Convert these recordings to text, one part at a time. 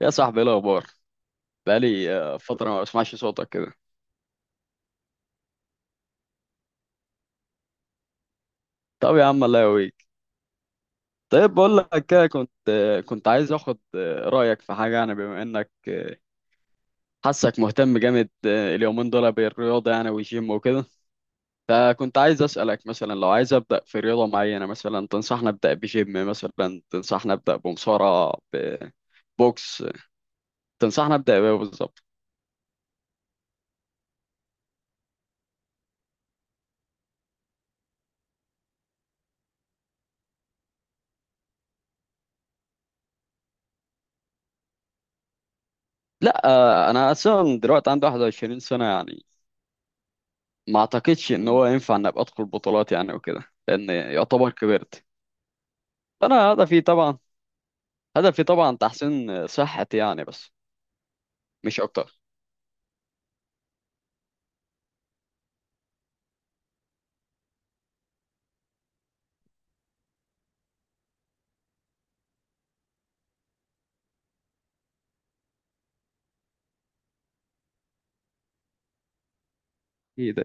يا صاحبي ايه الاخبار؟ بقالي فتره ما بسمعش صوتك كده. طب يا عم الله يقويك. طيب بقول لك كده، كنت كنت عايز اخد رايك في حاجه، يعني بما انك حاسك مهتم جامد اليومين دول بالرياضه يعني، والجيم وكده. فكنت عايز اسالك مثلا، لو عايز ابدا في رياضه معينه، مثلا تنصحني ابدا بجيم؟ مثلا تنصحني ابدا بمصارعه؟ ببوكس؟ تنصحني ابدا بايه بالظبط؟ لا انا اصلا دلوقتي عندي 21 سنه يعني، ما اعتقدش ان هو ينفع ان ابقى ادخل بطولات يعني وكده، لان يعتبر كبرت. انا هدفي طبعا، هدفي طبعا تحسين صحتي يعني، بس مش اكتر. اكيد.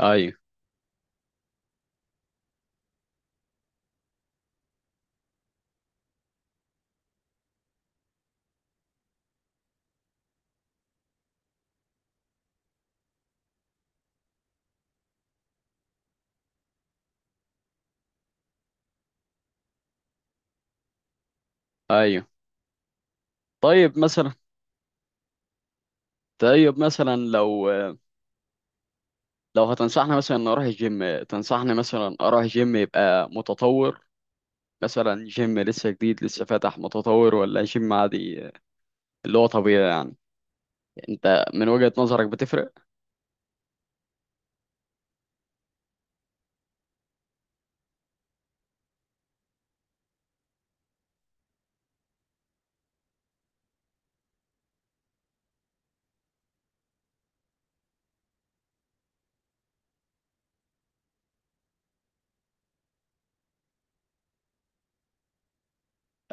ايوه. ايوه. طيب مثلا، طيب مثلا لو هتنصحني مثلا ان اروح الجيم، تنصحني مثلا اروح جيم يبقى متطور؟ مثلا جيم لسه جديد لسه فاتح متطور، ولا جيم عادي اللي هو طبيعي يعني؟ انت من وجهة نظرك بتفرق؟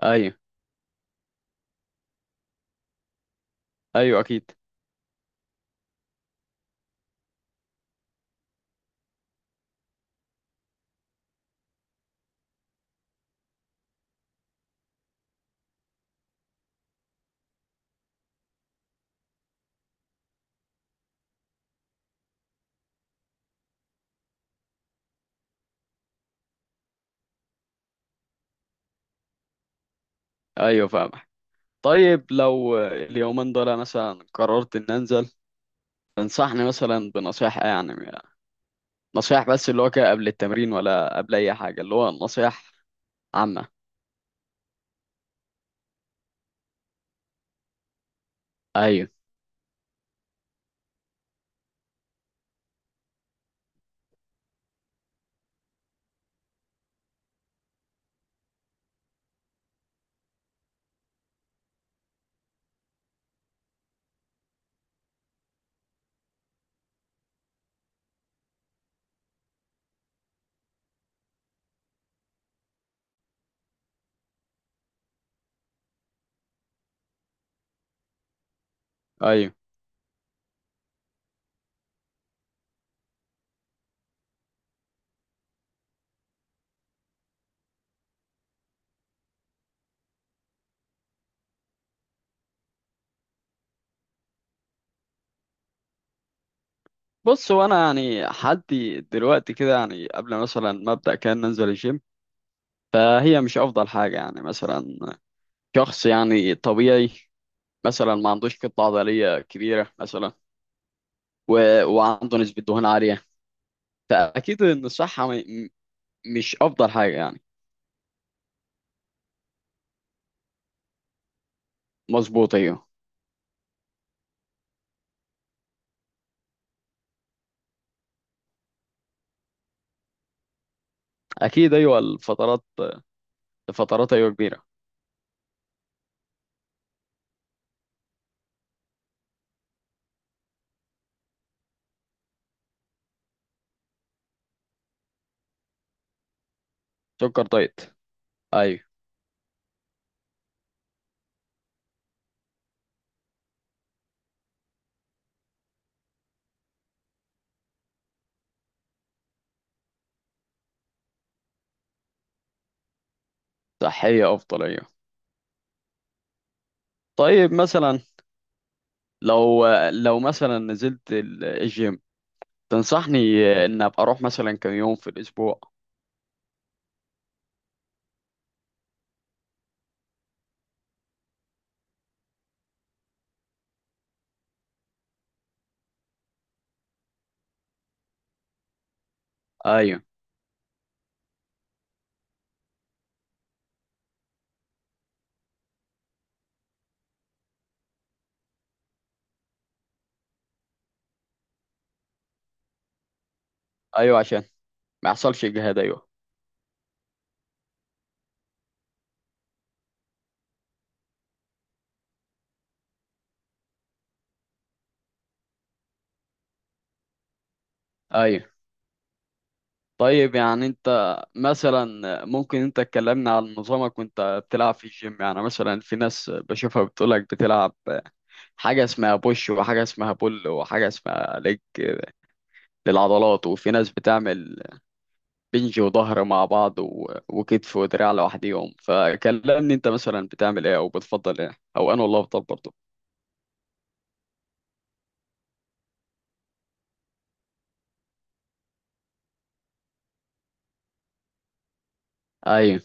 ايوه. ايوه اكيد. ايوه فاهم. طيب لو اليومين دول مثلا قررت ان انزل، تنصحني مثلا بنصيحة إيه؟ يعني نصيحة بس اللي هو كده قبل التمرين، ولا قبل اي حاجة اللي هو نصيحة عامة. ايوه. ايوه. بص، وانا يعني حدي دلوقتي كده يعني، قبل مثلا ما ابدا كان ننزل الجيم، فهي مش افضل حاجة يعني. مثلا شخص يعني طبيعي، مثلا ما عندوش كتلة عضلية كبيرة مثلا، و... وعنده نسبة دهون عالية، فاكيد ان الصحة مش افضل حاجة يعني. مظبوط ايوه. اكيد ايوه الفترات، الفترات ايوه كبيره. سكر دايت. ايوه صحيه افضل ايوه. طيب مثلا، لو لو مثلا نزلت الجيم، تنصحني ان ابقى اروح مثلا كم يوم في الاسبوع؟ ايوه. ايوه عشان ما يحصلش اجهاد ايوه. ايوه. طيب يعني انت مثلا، ممكن انت تكلمنا عن نظامك وانت بتلعب في الجيم؟ يعني مثلا في ناس بشوفها بتقولك بتلعب حاجه اسمها بوش، وحاجه اسمها بول، وحاجه اسمها ليج للعضلات. وفي ناس بتعمل بنج وظهر مع بعض وكتف ودراع لوحديهم. فكلمني انت مثلا بتعمل ايه، او بتفضل ايه، او انا والله بفضل برضه. ايوه.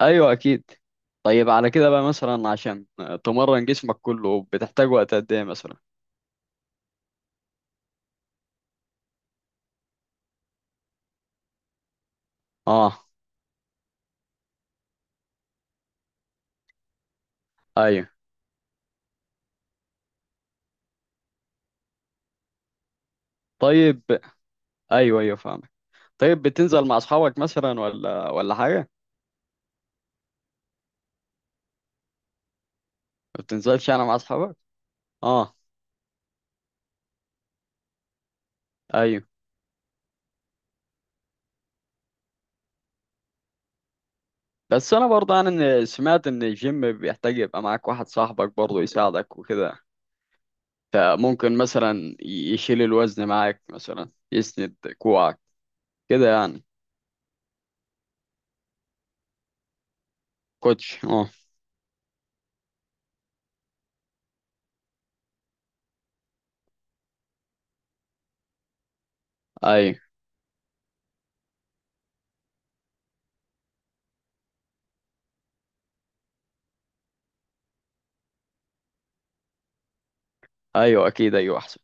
ايوه اكيد. طيب على كده بقى مثلا، عشان تمرن جسمك كله بتحتاج وقت قد ايه مثلا؟ اه. ايوه. طيب. ايوه ايوه فاهمك. طيب بتنزل مع اصحابك مثلا، ولا ولا حاجه؟ ما بتنزلش انا مع اصحابك؟ اه. ايوه، بس انا برضه انا سمعت ان الجيم بيحتاج يبقى معاك واحد صاحبك برضه يساعدك وكده، فممكن مثلا يشيل الوزن معاك، مثلا يسند كوعك كده يعني. كوتش، اه. ايوه. ايوه اكيد ايوه احسن.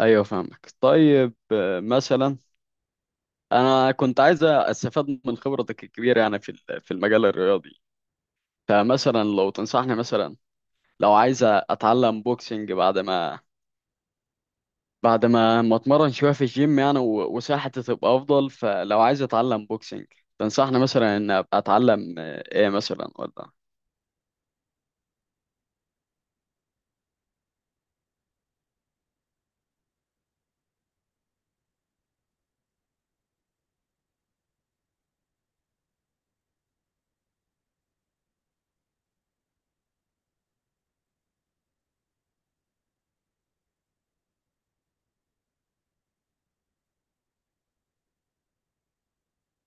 ايوه فاهمك. طيب مثلا انا كنت عايز استفاد من خبرتك الكبيره يعني في في المجال الرياضي. فمثلا لو تنصحني مثلا، لو عايز اتعلم بوكسنج بعد ما، بعد ما اتمرن شويه في الجيم يعني وصحتي تبقى افضل، فلو عايز اتعلم بوكسنج تنصحني مثلا ان ابقى اتعلم ايه مثلا، ولا؟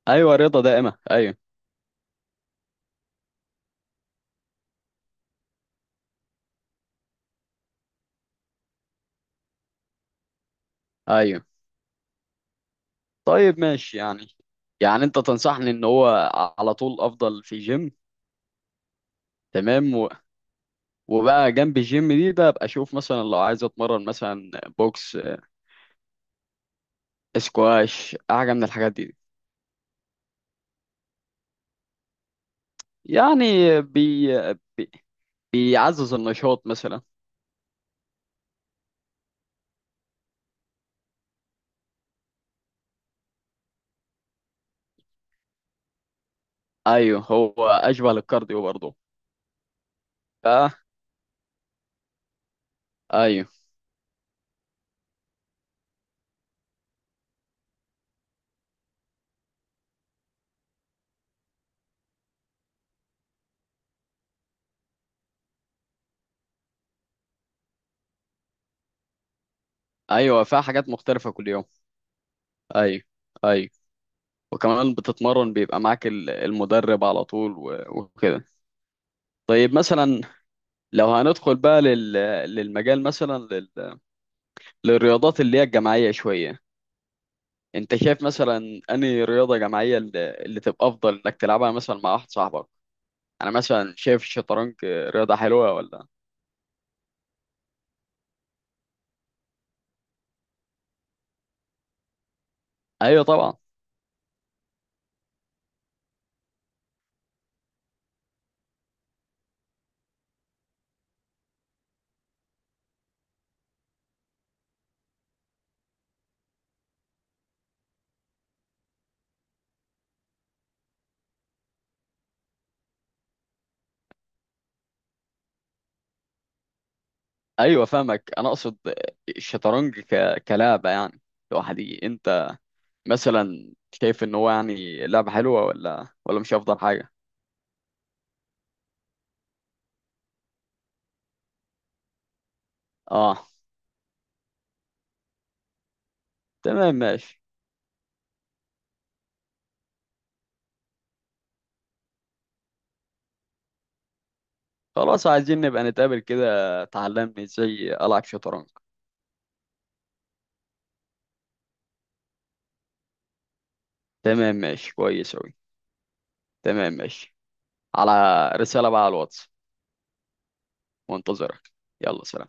ايوه رضا دائمة ايوه. ايوه. طيب ماشي يعني. يعني انت تنصحني ان هو على طول افضل في جيم. تمام. وبقى جنب الجيم دي ده ابقى اشوف مثلا، لو عايز اتمرن مثلا بوكس، سكواش، حاجة من الحاجات دي يعني. بي... بي... بيعزز النشاط مثلا. ايوه هو اشبه للكارديو برضه. ف... ايوه. ايوه فيها حاجات مختلفة كل يوم. ايوه. ايوه. وكمان بتتمرن بيبقى معاك المدرب على طول وكده. طيب مثلا، لو هندخل بقى للمجال مثلا، للرياضات اللي هي الجماعية شوية، انت شايف مثلا انهي رياضة جماعية اللي تبقى افضل انك تلعبها مثلا مع واحد صاحبك؟ انا مثلا شايف الشطرنج رياضة حلوة، ولا؟ ايوه طبعا. ايوه فاهمك. انا اقصد الشطرنج كلعبة يعني، لوحدي، انت مثلا شايف ان هو يعني لعبة حلوة، ولا مش افضل حاجة؟ اه. تمام ماشي. خلاص عايزين نبقى نتقابل كده تعلمني ازاي العب شطرنج. تمام ماشي كويس أوي. تمام ماشي. على رسالة بقى على الواتس. وانتظرك. يلا سلام.